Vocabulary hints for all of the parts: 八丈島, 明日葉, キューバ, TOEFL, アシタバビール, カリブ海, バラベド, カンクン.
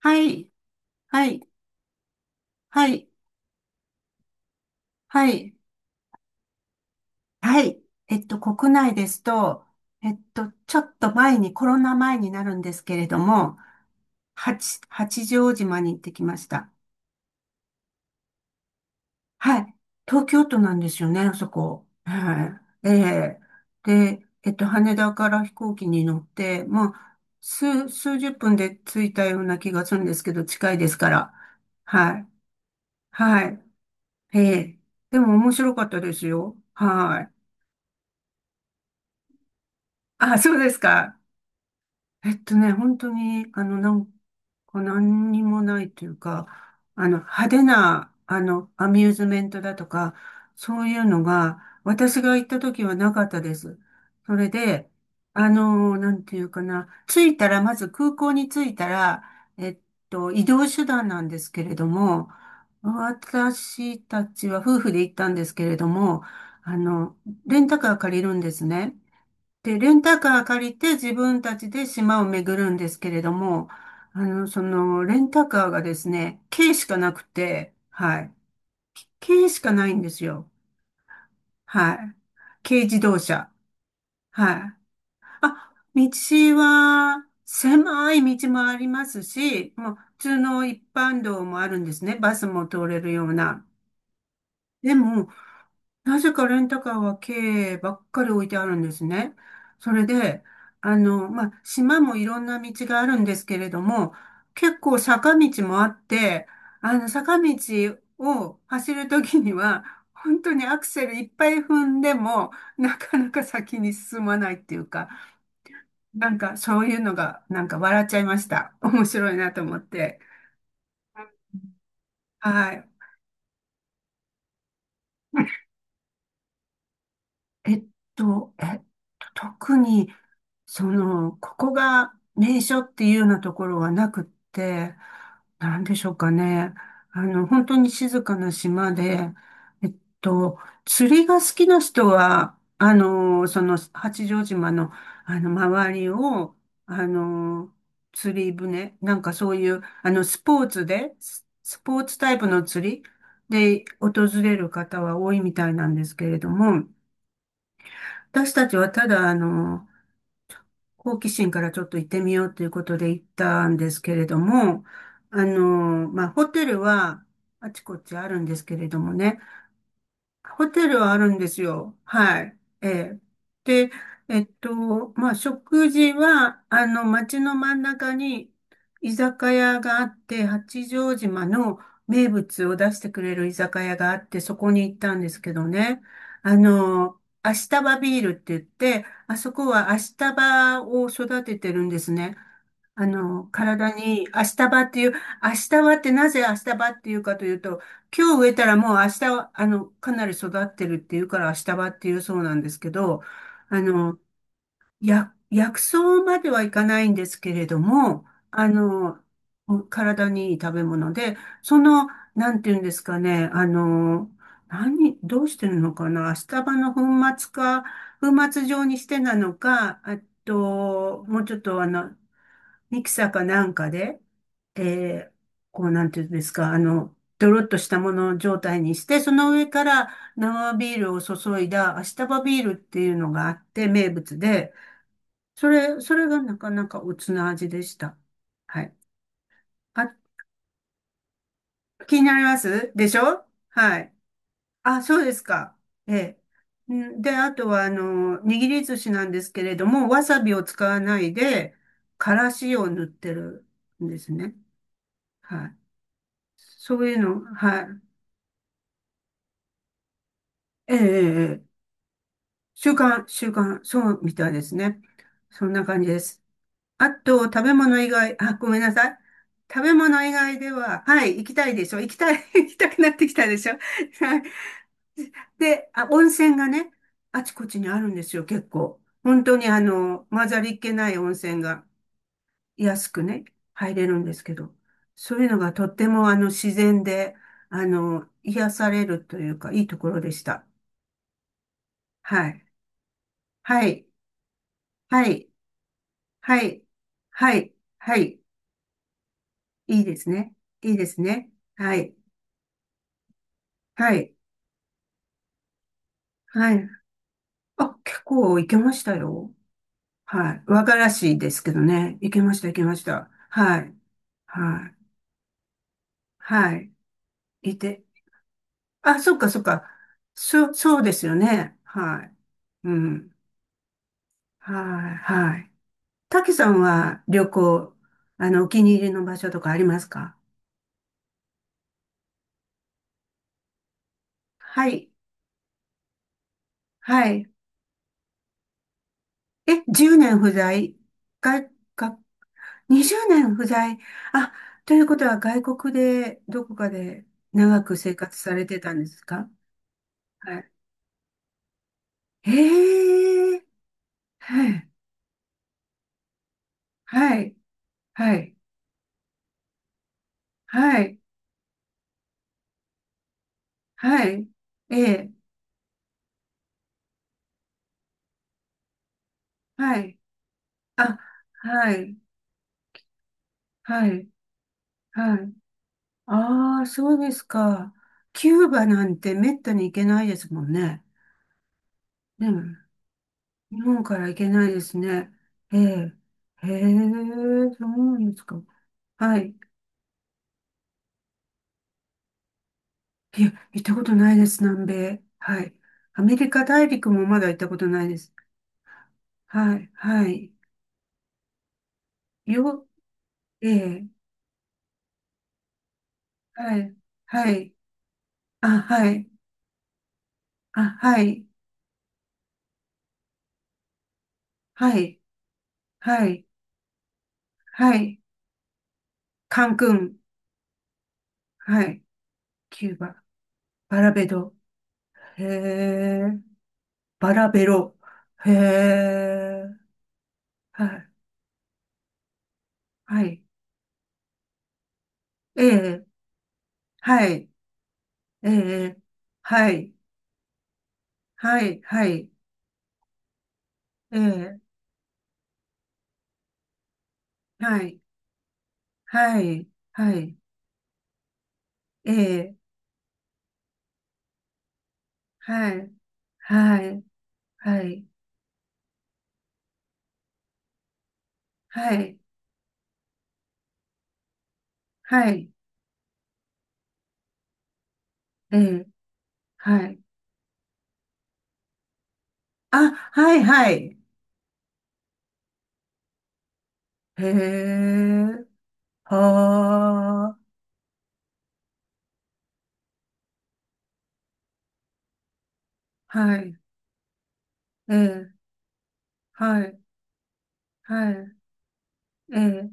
はい、はい、はい、はい、はい。国内ですと、ちょっと前に、コロナ前になるんですけれども、八丈島に行ってきました。はい。東京都なんですよね、あそこ。はい。ええ。で、羽田から飛行機に乗って、まあ、数十分で着いたような気がするんですけど、近いですから。はい。はい。ええ。でも面白かったですよ。はい。あ、そうですか。本当に、なんか何にもないというか、派手な、アミューズメントだとか、そういうのが、私が行った時はなかったです。それで、なんていうかな、着いたら、まず空港に着いたら、えっ移動手段なんですけれども、私たちは夫婦で行ったんですけれども、あの、レンタカー借りるんですね。で、レンタカー借りて自分たちで島を巡るんですけれども、レンタカーがですね、軽しかなくて、はい。軽しかないんですよ。はい。軽自動車。はい。あ、道は、狭い道もありますし、もう、普通の一般道もあるんですね。バスも通れるような。でも、なぜかレンタカーは軽ばっかり置いてあるんですね。それで、まあ、島もいろんな道があるんですけれども、結構坂道もあって、坂道を走るときには、本当にアクセルいっぱい踏んでも、なかなか先に進まないっていうか、なんかそういうのが、なんか笑っちゃいました。面白いなと思って。はい。えっと、えっ特に、ここが名所っていうようなところはなくって、なんでしょうかね。本当に静かな島で、えっと、釣りが好きな人は、八丈島の、周りを、あの、釣り船、なんかそういう、スポーツで、スポーツタイプの釣りで訪れる方は多いみたいなんですけれども、私たちはただ、好奇心からちょっと行ってみようということで行ったんですけれども、まあ、ホテルはあちこちあるんですけれどもね、ホテルはあるんですよ。はい。ええ。で、まあ、食事は、街の真ん中に居酒屋があって、八丈島の名物を出してくれる居酒屋があって、そこに行ったんですけどね。アシタバビールって言って、あそこはアシタバを育ててるんですね。体に明日葉っていう、明日葉ってなぜ明日葉っていうかというと、今日植えたらもう明日は、かなり育ってるっていうから明日葉っていうそうなんですけど、あの、薬草まではいかないんですけれども、あの、体にいい食べ物で、その、なんていうんですかね、何、どうしてるのかな、明日葉の粉末か、粉末状にしてなのか、あと、もうちょっとミキサーかなんかで、えーこうなんていうんですか、ドロッとしたもの状態にして、その上から生ビールを注いだアシタバビールっていうのがあって名物で、それがなかなかおつな味でした。はい。あ、気になりますでしょ。はい。あ、そうですか。ええ。んで、あとは、握り寿司なんですけれども、わさびを使わないで、からしを塗ってるんですね。はい。そういうの、はい。ええ、ええ、ええ。習慣、習慣、そうみたいですね。そんな感じです。あと、食べ物以外、あ、ごめんなさい。食べ物以外では、はい、行きたいでしょ。行きたい、行きたくなってきたでしょ。はい。で、あ、温泉がね、あちこちにあるんですよ、結構。本当に混ざりっけない温泉が安くね、入れるんですけど、そういうのがとっても自然で、癒されるというか、いいところでした。はい。はい、はい、はい、はい、はい、いいですね。いいですね。はい、はい、はい。あ、結構いけましたよ。はい。和がらしいですけどね。いけました、いけました。はい、はい、はい。いて。あ、そっか、そっか。そう、そうですよね。はい。うん。はい、はい。たけさんは旅行、お気に入りの場所とかありますか？はい、はい。え、10年不在外、20年不在。あ、ということは外国で、どこかで長く生活されてたんですか？はい。へえ、はい、はい、はい、はい、はい、ええ、はい、あ、はい、はい、はい。ああ、そうですか。キューバなんてめったに行けないですもんね。ね、日本から行けないですね。ええ、へえ、そうなんですか。はい。いや、行ったことないです、南米。はい。アメリカ大陸もまだ行ったことないです。はい、はい。よ、ええ、はい、はい。あ、はい。あ、はい、はい、はい、はい。カンクン、はい。キューバ、バラベド、へえ、バラベロ、へえ、はい、はい。ええ、はい、ええ、はい、はい、はい、ええ、はい、はい、はい。ええ、はい、はい、はい、はい、はい、ええ、はい。あ、はい、はい。へえ、はあ、はい、ええ、はい、はい、ええ、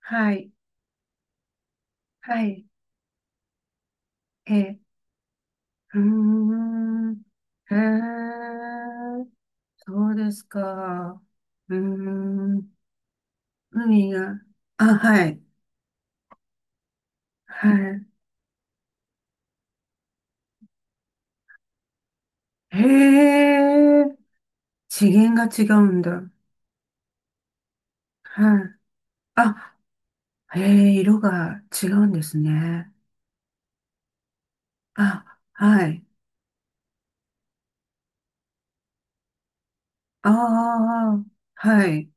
はい、はい、ええ、うーん、へえ、そうですか。うーん、海が、あ、はい、はい。へえ、次元が違うんだ。はい。あ、へえ、色が違うんですね。あ、はい。ああ、はい。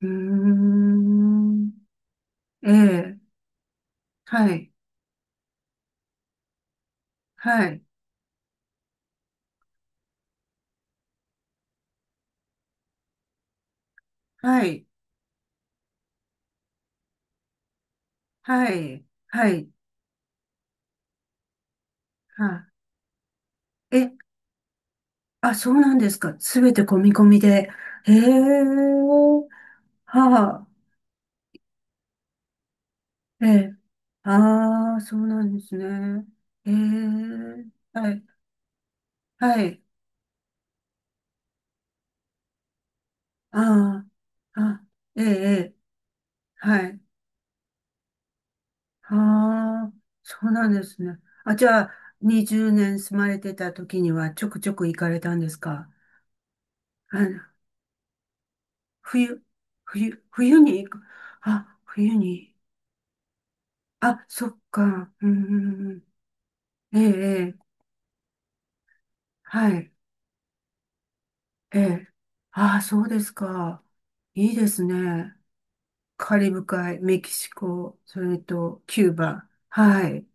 うーん。ええ、はい、はい、はい、はい、はい。あ、え、あ、そうなんですか。すべて込み込みで。へえ、はあ、ええ、ああ、そうなんですね。ええ、はい、はい、ああ、あ、ええ、ええ。はい。ああ、そうなんですね。あ、じゃあ、20年住まれてた時にはちょくちょく行かれたんですか？あの、冬、冬、冬に行く。あ、冬に。あ、そっか。うん、うん。うん、ええ、ええ、はい、ええ。ああ、そうですか。いいですね。カリブ海、メキシコ、それとキューバ。はい、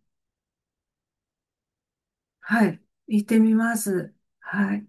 はい。行ってみます。はい。